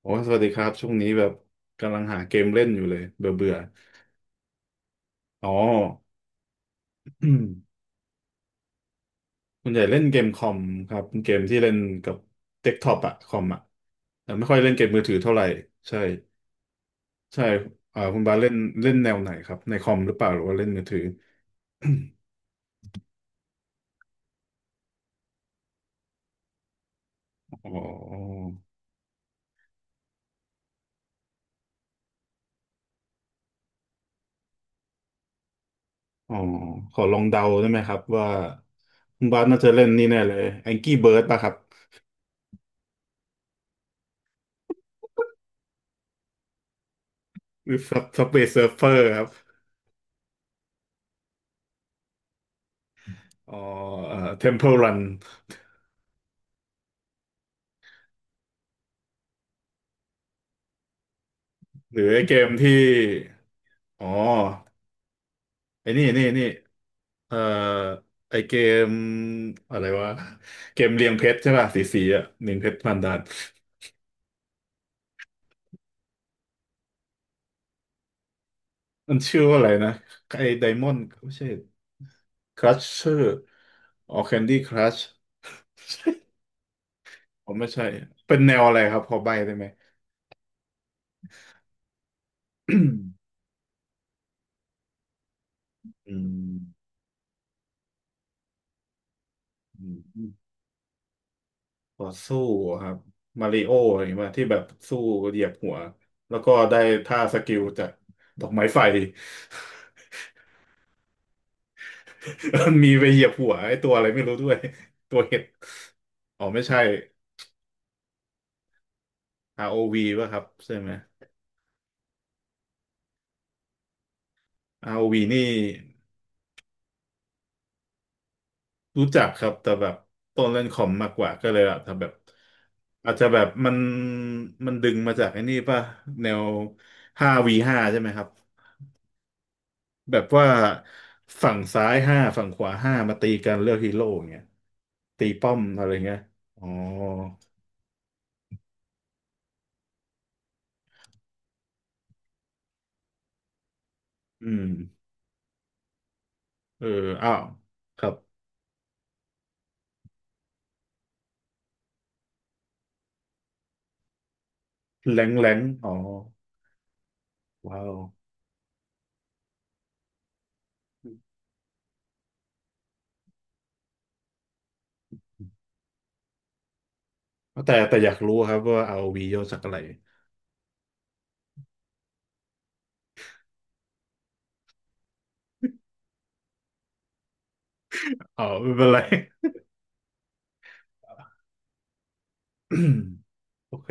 โอ้สวัสดีครับช่วงนี้แบบกำลังหาเกมเล่นอยู่เลยเบื่อเบื่ออ๋อ คุณใหญ่เล่นเกมคอมครับเกมที่เล่นกับเดสก์ท็อปอะคอมอะแต่ไม่ค่อยเล่นเกมมือถือเท่าไหร่ใช่ใช่อ่าคุณบาสเล่นเล่นแนวไหนครับในคอมหรือเปล่าหรือว่าเล่นมือถืออ๋ออ๋อขอลองเดาได้ไหมครับว่าคุณบาสน่าจะเล่นนี่แน่เลย Angry Bird ป่ะครับหรือ Subway Surfer ครับอ๋อTemple Run หรือไอเกมที่ อ๋อไอ้นี่นี่นี่เอ่อไอเกมอะไรวะเกมเรียงเพชรใช่ป่ะสีสีอ่ะเรียงเพชรพันดานมันชื่อว่าอะไรนะไอไดมอนด์ไม่ใช่ครัชเชอร์อ๋อแคนดี้ครัชผมไม่ใช่เป็นแนวอะไรครับพอใบได้ไหม อืมอือืมต่อสู้ครับมาริโออะไรอย่างเงี้ยที่แบบสู้เหยียบหัวแล้วก็ได้ท่าสกิลจากดอกไม้ไฟ มันมีไปเหยียบหัวไอ้ตัวอะไรไม่รู้ด้วยตัวเห็ดอ๋อไม่ใช่ ROV ป่ะครับใช่ไหม ROV นี่รู้จักครับแต่แบบต้นเล่นคอมมากกว่าก็เลยอะแต่แบบอาจจะแบบมันดึงมาจากไอ้นี่ป่ะแนว 5v5 ใช่ไหมครับแบบว่าฝั่งซ้ายห้าฝั่งขวาห้ามาตีกันเลือกฮีโร่อย่างเงี้ยตีป้อมอะไรเงี้ยอ๋ออืมเอออ้าวครับแรงแรงอ๋อ ว้าวแต่อยากรู้ครับว่า ROV ย่อจากอะไรอ๋อไม่เป็นไร โอเค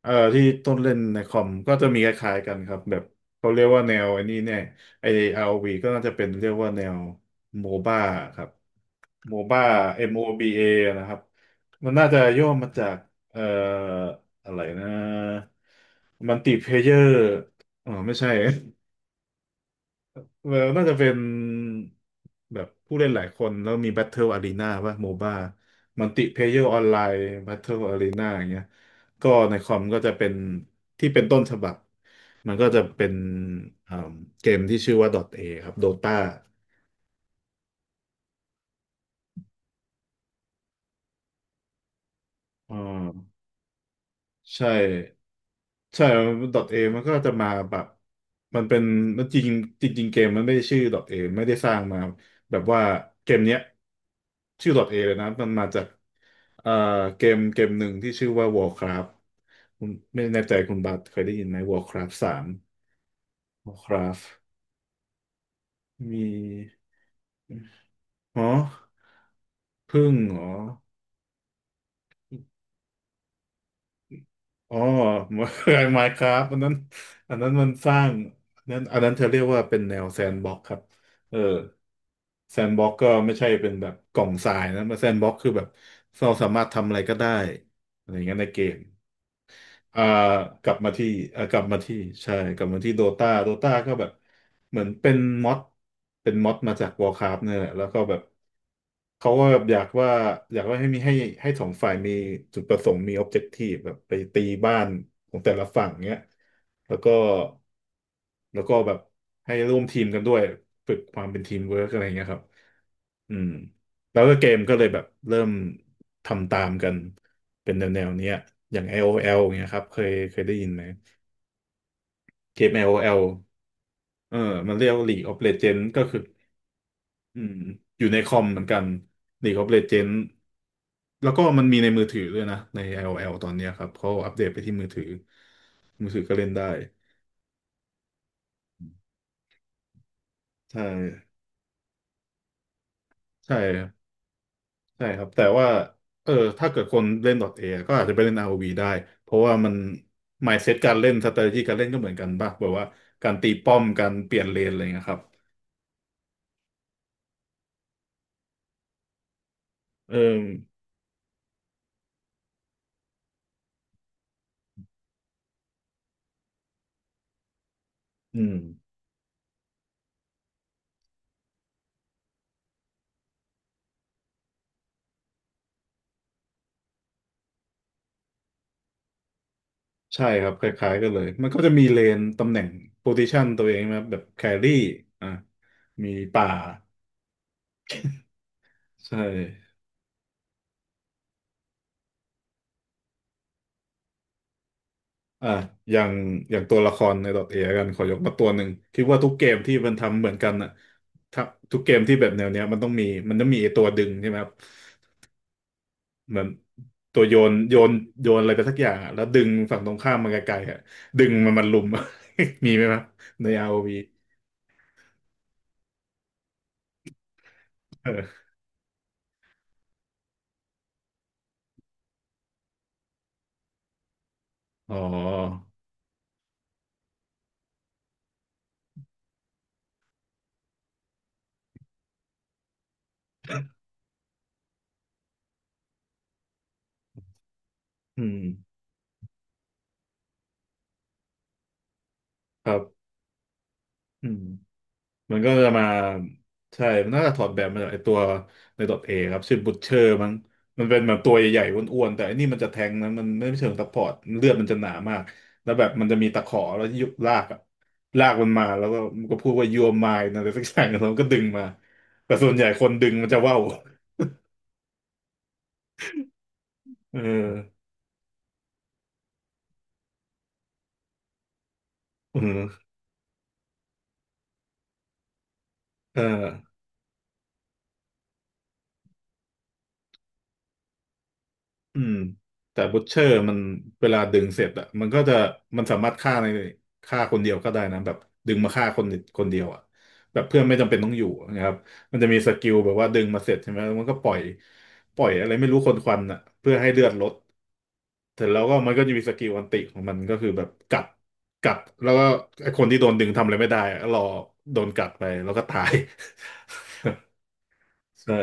ที่ต้นเล่นในคอมก็จะมีคล้ายๆกันครับแบบเขาเรียกว่าแนวไอ้นี่เนี่ยไอ้ ROV ก็น่าจะเป็นเรียกว่าแนวโมบ้าครับโมบ้า MOBA นะครับมันน่าจะย่อมาจากเอ่ออะไรนะมัลติเพเยอร์อ๋อไม่ใช่ เออน่าจะเป็นแบบผู้เล่นหลายคนแล้วมี Battle Arena ป่ะโมบ้ามัลติเพเยอร์ออนไลน์ Battle Arena อย่างเงี้ยก็ในคอมก็จะเป็นที่เป็นต้นฉบับมันก็จะเป็นอ่าเกมที่ชื่อว่า .A ครับ Dota อ่าใช่ ใช่ดอทเอมันก็จะมาแบบ มันเป็นมันจริงจริงๆเกมมันไม่ได้ชื่อดอทเอไม่ได้สร้างมาแบบว่าเกมเนี้ยชื่อดอทเอเลยนะ มันมาจากเอ่อเกมหนึ่งที่ชื่อว่า Warcraft คุณไม่แน่ใจคุณบัตเคยได้ยินไหม Warcraft สาม Warcraft มี อ๋อ พึ่งเหรอ อ๋อ เคยไมน์คราฟอันนั้นอันนั้นมันสร้างอันนั้นเธอเรียกว่าเป็นแนวแซนด์บ็อกครับเออแซนด์บ็อกก็ไม่ใช่เป็นแบบกล่องทรายนะแซนด์บ็อกคือแบบเราสามารถทำอะไรก็ได้อะไรอย่างเงี้ยในเกม อ่ากลับมาที่อ่ากลับมาที่ใช่กลับมาที่โดตาโดตาก็แบบเหมือนเป็นม็อดเป็นม็อดมาจากวอ r c คราฟเนี่ยแหละแล้วก็แบบเขาก็แบบอยากว่าให้มีให้สองฝ่ายมีจุดประสงค์มี o b อบเจกตีแบบไปตีบ้านของแต่ละฝั่งเนี้ยแล้วก็แบบให้ร่วมทีมกันด้วยฝึกความเป็นทีมเวิร์กอะไรเงี้ยครับอืม แล้วก็เกมก็เลยแบบเริ่มทำตามกันเป็นแนวเนี้ยอย่าง LOL เงี้ยครับเคยได้ยินไหมเกม LOL เออมันเรียกว่า League of Legends ก็คืออืมอยู่ในคอมเหมือนกัน League of Legends แล้วก็มันมีในมือถือด้วยนะใน LOL ตอนเนี้ยครับเขาอัปเดตไปที่มือถือมือถือก็เล่นได้ใช่ใช่ ใช่ครับแต่ว่าเออถ้าเกิดคนเล่น .A ก็อาจจะไปเล่น r o ีได้เพราะว่ามัน mindset การเล่น strategy การเล่นก็เหมือนกันป่ะแบบว่าการตีป้อมการเปลี่ยนเลนอะไรเงี้ยครับเอออืมใช่ครับคล้ายๆกันเลยมันก็จะมีเลนตำแหน่ง position ตัวเองนะแบบแครี่อ่ะมีป่าใช่อ่ะอย่างตัวละครใน .A กันขอยกมาตัวหนึ่งคิดว่าทุกเกมที่มันทำเหมือนกันอ่ะถ้าทุกเกมที่แบบแนวเนี้ยมันต้องมีมันต้องมีไอ้ตัวดึงใช่ไหมครับ เหมือนตัวโยนโยนอะไรไปสักอย่างอะแล้วดึงฝั่งตรงข้ามมันไกลๆอ่ะดึงมันลุม มีไหมครับใน ROV เอออ๋ออืมครับอืม มันก็จะมาใช่มันน่าจะถอดแบบมาจากไอตัวใน .A เอครับ ชื่อบุชเชอร์มั้งมันเป็นแบบตัวใหญ่ๆอ้วนๆแต่อันนี้มันจะแทงนะมันไม่เชิงซัพพอร์ตเลือดมันจะหนามากแล้วแบบมันจะมีตะขอแล้วยุบลากอะลากมันมาแล้วก็มันก็พูดว่า you are mine อะไรสักอย่าง แล้วมันก็ดึงมาแต่ส่วนใหญ่คนดึงมันจะว่าว เออเออเออ อืมแต่บูชเชอร์มันเวลาดึงเสร็จอะมันก็จะมันสามารถฆ่าในฆ่าคนเดียวก็ได้นะแบบดึงมาฆ่าคนคนเดียวอะแบบเพื่อนไม่จำเป็นต้องอยู่นะครับมันจะมีสกิลแบบว่าดึงมาเสร็จใช่ไหมแล้วมันก็ปล่อยอะไรไม่รู้คนควันอะเพื่อให้เลือดลดเสร็จแล้วก็มันก็จะมีสกิลอันติของมันก็คือแบบกัดกัดแล้วก็ไอ้คนที่โดนดึงทำอะไรไม่ได้อะก็รอโดนกัดไปแล้วก็ตาย ใช่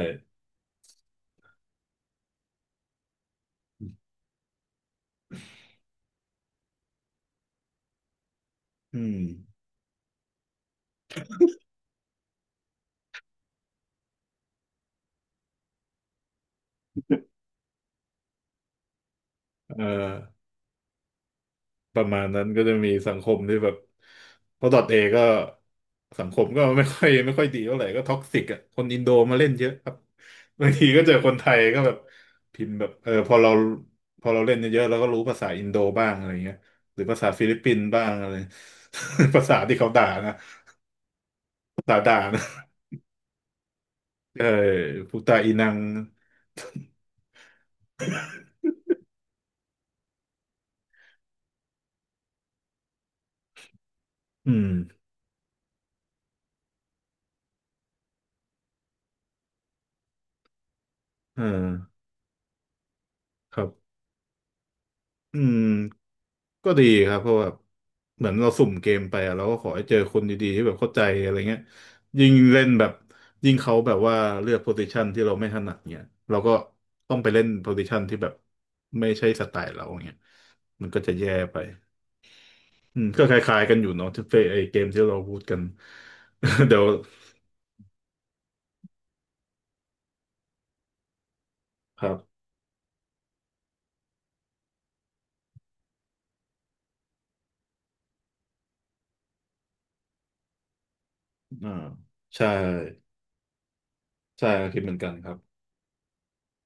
อืมเออ ประมาณนั้นก็จะมีสังคมที่แบบเพราะดอทเอก็สังคมก็ไม่ค่อย ไม่ค่อยดีเท่าไหร่ก็ท็อกซิกอ่ะคนอินโดมาเล่นเยอะครับบางทีก็เจอคนไทยก็แบบพิมพ์แบบเออพอเราเล่นเยอะๆเราก็รู้ภาษาอินโดบ้างอะไรเงี้ยหรือภาษาฟิลิปปินส์บ้างอะไร ภาษาที่เขาด่านะภาษาด่านะเออพุตตาอีนังอืมเออครับ อืมก็ดีครับเพราะแบบเหมือนเราสุ่มเกมไปอะเราก็ขอให้เจอคนดีๆที่แบบเข้าใจอะไรเงี้ยยิ่งเล่นแบบยิ่งเขาแบบว่าเลือกโพซิชันที่เราไม่ถนัดเงี้ยเราก็ต้องไปเล่นโพซิชันที่แบบไม่ใช่สไตล์เราเงี้ยมันก็จะแย่ไปอืมก็คล้ายๆกันอยู่เนาะที่เฟไอเกมที่เราพูดกัน เดี๋ยวครับอ่าใช่ใช่คิดเหมือนกันครับ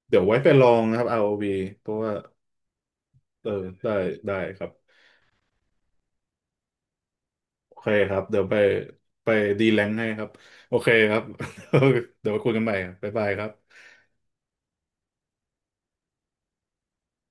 เดี๋ยวไว้ไปลองนะครับ ROV เพราะว่าเออได้ได้ครับ โอเคครับ เดี๋ยวไปไปดีแลงให้ครับ โอเคครับ เดี๋ยวไปคุยกันใหม่ครับบ๊ายบายครับ